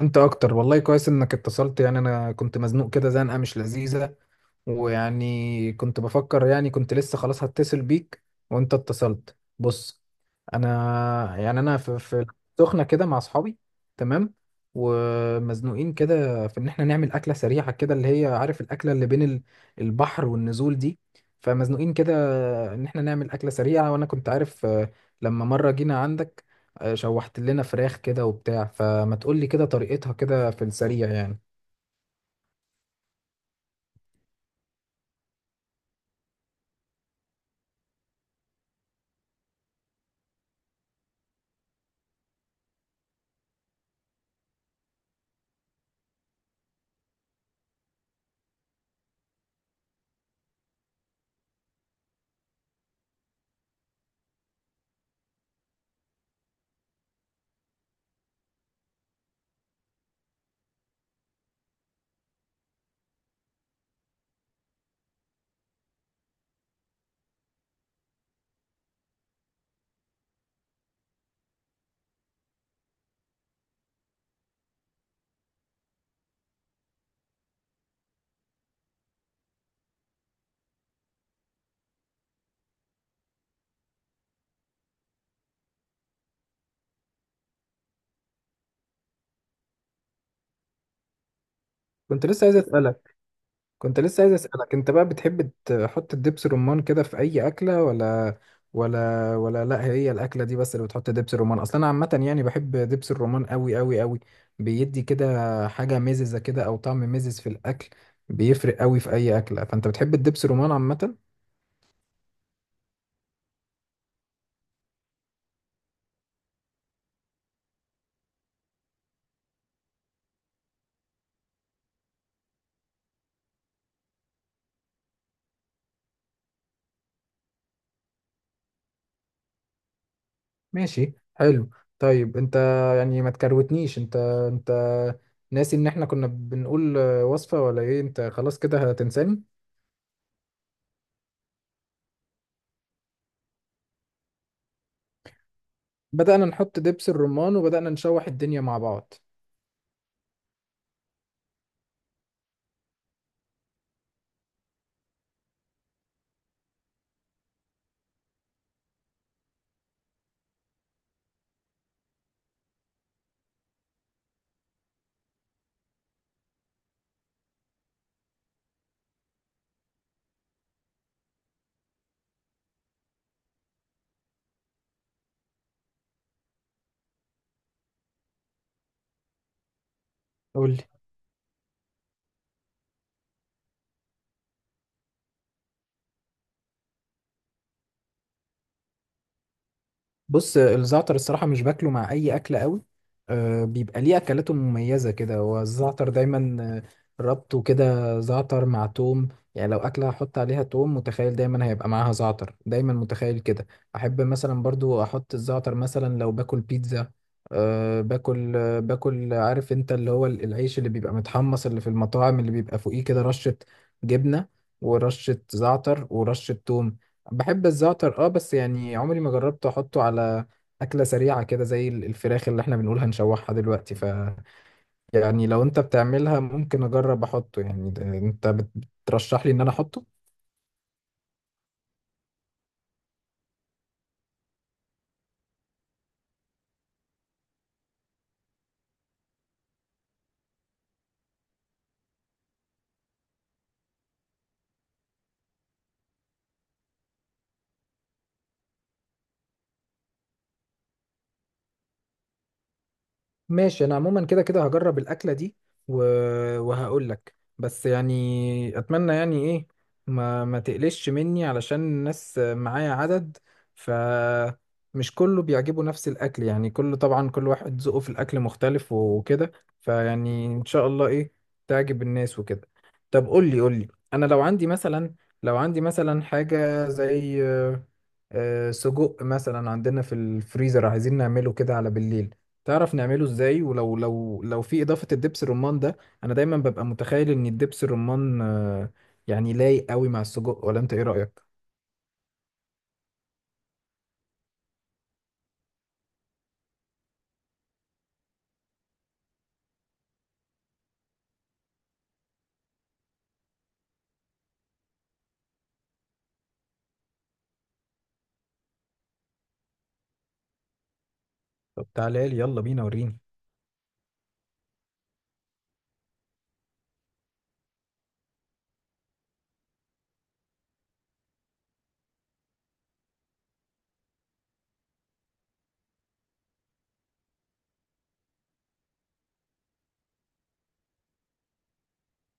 انت اكتر والله، كويس انك اتصلت. يعني انا كنت مزنوق كده، زنقه مش لذيذه. ويعني كنت بفكر، يعني كنت لسه خلاص هتصل بيك وانت اتصلت. بص، يعني انا في سخنة كده مع اصحابي، تمام. ومزنوقين كده في ان احنا نعمل اكلة سريعة كده، اللي هي عارف الاكلة اللي بين البحر والنزول دي. فمزنوقين كده ان احنا نعمل اكلة سريعة، وانا كنت عارف. لما مرة جينا عندك شوحت لنا فراخ كده وبتاع، فما تقولي كده طريقتها كده في السريع يعني. كنت لسه عايز اسألك، كنت لسه عايز اسالك، انت بقى بتحب تحط الدبس رمان كده في اي اكله ولا؟ ولا، ولا، لا، هي الاكله دي بس اللي بتحط دبس رمان. اصلا انا عامه يعني بحب دبس الرمان قوي قوي قوي، بيدي كده حاجه مززه كده او طعم مزز في الاكل. بيفرق قوي في اي اكله، فانت بتحب الدبس رمان عامه؟ ماشي، حلو. طيب انت، يعني ما تكروتنيش، انت ناسي ان احنا كنا بنقول وصفه ولا ايه؟ انت خلاص كده هتنساني؟ بدأنا نحط دبس الرمان وبدأنا نشوح الدنيا مع بعض. قول لي، بص الزعتر الصراحة مش باكله مع أي أكلة قوي. آه، بيبقى ليه أكلاته مميزة كده، هو الزعتر دايما. ربطه كده زعتر مع توم. يعني لو أكلة هحط عليها توم، متخيل دايما هيبقى معاها زعتر، دايما متخيل كده. أحب مثلا برضو أحط الزعتر مثلا لو باكل بيتزا. أه باكل، باكل، عارف انت اللي هو العيش اللي بيبقى متحمص اللي في المطاعم اللي بيبقى فوقيه كده رشة جبنة ورشة زعتر ورشة توم. بحب الزعتر، اه بس يعني عمري ما جربت احطه على اكله سريعه كده زي الفراخ اللي احنا بنقول هنشوحها دلوقتي. ف يعني لو انت بتعملها، ممكن اجرب احطه، يعني انت بترشح لي ان انا احطه. ماشي، انا عموما كده كده هجرب الاكله دي و... وهقول لك. بس يعني اتمنى يعني ايه، ما تقلش مني، علشان الناس معايا عدد. ف مش كله بيعجبه نفس الاكل، يعني كله طبعا، كل واحد ذوقه في الاكل مختلف وكده. فيعني ان شاء الله ايه، تعجب الناس وكده. طب قول لي، انا لو عندي مثلا، لو عندي مثلا حاجه زي سجق مثلا عندنا في الفريزر، عايزين نعمله كده على بالليل. تعرف نعمله ازاي؟ ولو لو لو في اضافه الدبس الرمان ده. انا دايما ببقى متخيل ان الدبس الرمان يعني لايق قوي مع السجق، ولا انت ايه رايك؟ طب تعالى لي، يلا بينا وريني.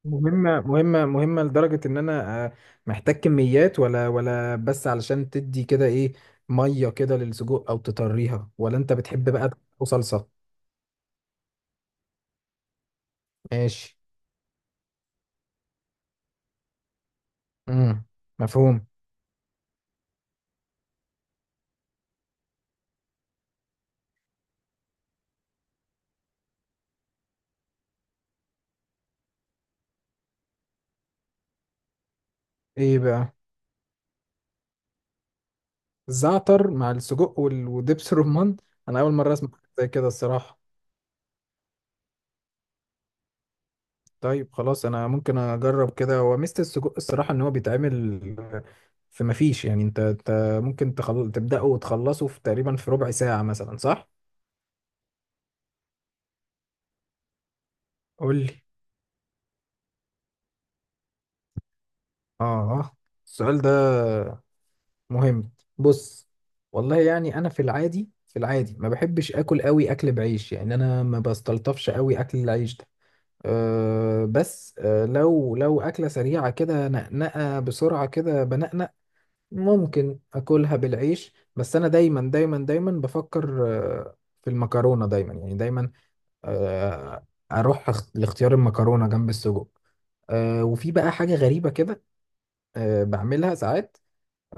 مهمه مهمه مهمه، لدرجه ان انا محتاج كميات، ولا بس علشان تدي كده ايه، ميه كده للسجق او تطريها، ولا انت بتحب بقى وصلصه؟ ماشي. امم مفهوم. ايه بقى، زعتر مع السجق ودبس الرمان؟ انا اول مره اسمع حاجة زي كده الصراحه. طيب خلاص، انا ممكن اجرب كده. هو ميزة السجق الصراحة ان هو بيتعمل في، مفيش يعني، انت ممكن تبدأه وتخلصه في تقريبا في ربع ساعة مثلا، صح؟ قول لي اه، السؤال ده مهم. بص، والله يعني انا في العادي، في العادي ما بحبش اكل قوي اكل بعيش، يعني انا ما بستلطفش قوي اكل العيش ده. أه بس أه لو اكله سريعه كده، نقنقه بسرعه كده بنقنق، ممكن اكلها بالعيش. بس انا دايما دايما دايما بفكر في المكرونه دايما، يعني دايما، اروح لاختيار المكرونه جنب السجق. وفي بقى حاجه غريبه كده، بعملها ساعات.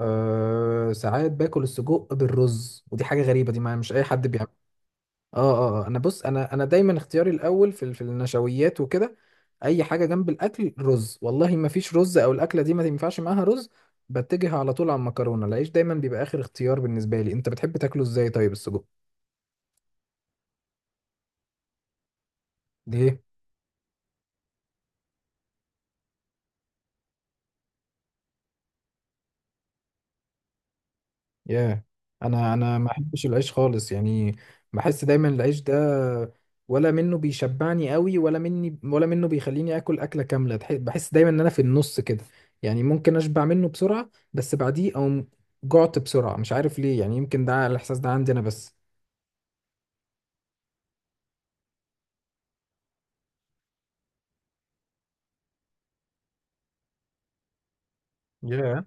ساعات باكل السجق بالرز، ودي حاجه غريبه، دي ما مش اي حد. اه اه، انا بص، انا دايما اختياري الاول في في النشويات وكده. اي حاجه جنب الاكل رز، والله ما فيش رز او الاكله دي ما ينفعش معاها رز. بتجه على طول على المكرونه، العيش دايما بيبقى اخر اختيار بالنسبه لي. انت بتحب تاكله ازاي طيب السجق؟ ليه؟ ياه، انا ما احبش العيش خالص يعني. بحس دايما العيش ده ولا منه بيشبعني قوي، ولا مني ولا منه بيخليني اكل اكله كامله، بحس دايما ان انا في النص كده. يعني ممكن اشبع منه بسرعه بس بعديه او جعت بسرعه، مش عارف ليه يعني، يمكن ده الاحساس ده عندي انا بس. ياه،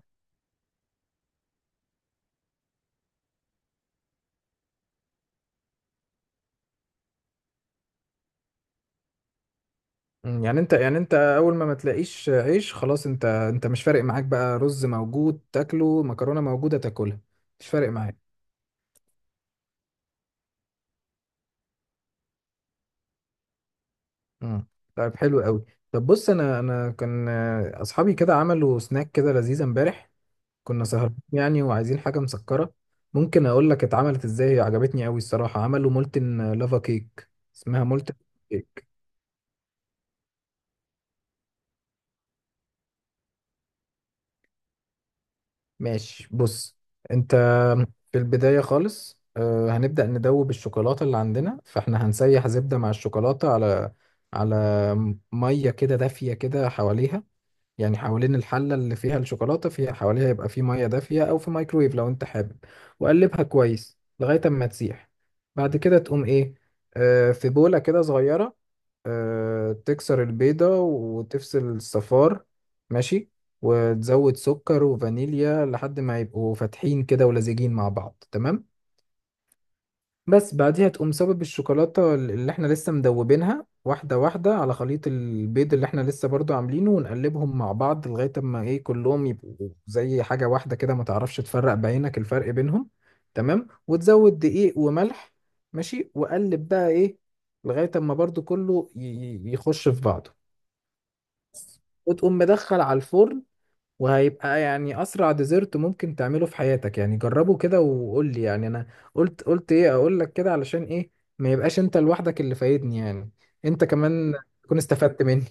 مم، يعني انت، يعني انت اول ما تلاقيش عيش خلاص، انت مش فارق معاك بقى، رز موجود تاكله، مكرونه موجوده تاكلها. مش فارق معاك. مم. طيب حلو قوي. طب بص، انا كان اصحابي كده عملوا سناك كده لذيذ امبارح. كنا سهرانين يعني وعايزين حاجه مسكره. ممكن اقول لك اتعملت ازاي، هي عجبتني قوي الصراحه. عملوا مولتن لافا كيك، اسمها مولتن كيك. ماشي، بص انت. في البدايه خالص هنبدا ندوب الشوكولاته اللي عندنا، فاحنا هنسيح زبده مع الشوكولاته على على ميه كده دافيه كده حواليها، يعني حوالين الحلة اللي فيها الشوكولاتة، فيها حواليها يبقى في مية دافية أو في مايكرويف لو أنت حابب. وقلبها كويس لغاية أما تسيح. بعد كده تقوم إيه، آه في بولة كده صغيرة، آه تكسر البيضة وتفصل الصفار. ماشي، وتزود سكر وفانيليا لحد ما يبقوا فاتحين كده ولزجين مع بعض، تمام. بس بعديها تقوم صابب الشوكولاتة اللي احنا لسه مدوبينها، واحدة واحدة، على خليط البيض اللي احنا لسه برضو عاملينه، ونقلبهم مع بعض لغاية اما ايه كلهم يبقوا زي حاجة واحدة كده، ما تعرفش تفرق بعينك الفرق بينهم. تمام، وتزود دقيق وملح. ماشي، وقلب بقى ايه لغاية اما برضو كله يخش في بعضه. وتقوم مدخل على الفرن، وهيبقى يعني اسرع ديزرت ممكن تعمله في حياتك. يعني جربه كده وقول لي، يعني انا قلت ايه اقول لك كده علشان ايه، ما يبقاش انت لوحدك اللي فايدني يعني، انت كمان تكون استفدت مني.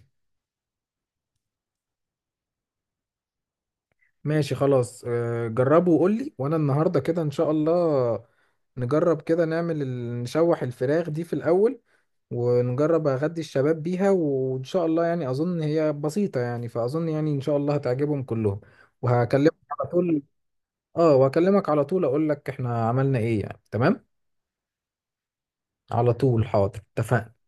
ماشي خلاص، جربه وقول لي. وانا النهارده كده ان شاء الله نجرب كده، نعمل نشوح الفراخ دي في الاول، ونجرب اغدي الشباب بيها. وان شاء الله يعني اظن هي بسيطة يعني، فاظن يعني ان شاء الله هتعجبهم كلهم. وهكلمك على طول. اه، واكلمك على طول اقول لك احنا عملنا ايه يعني، تمام. على طول، حاضر، اتفقنا.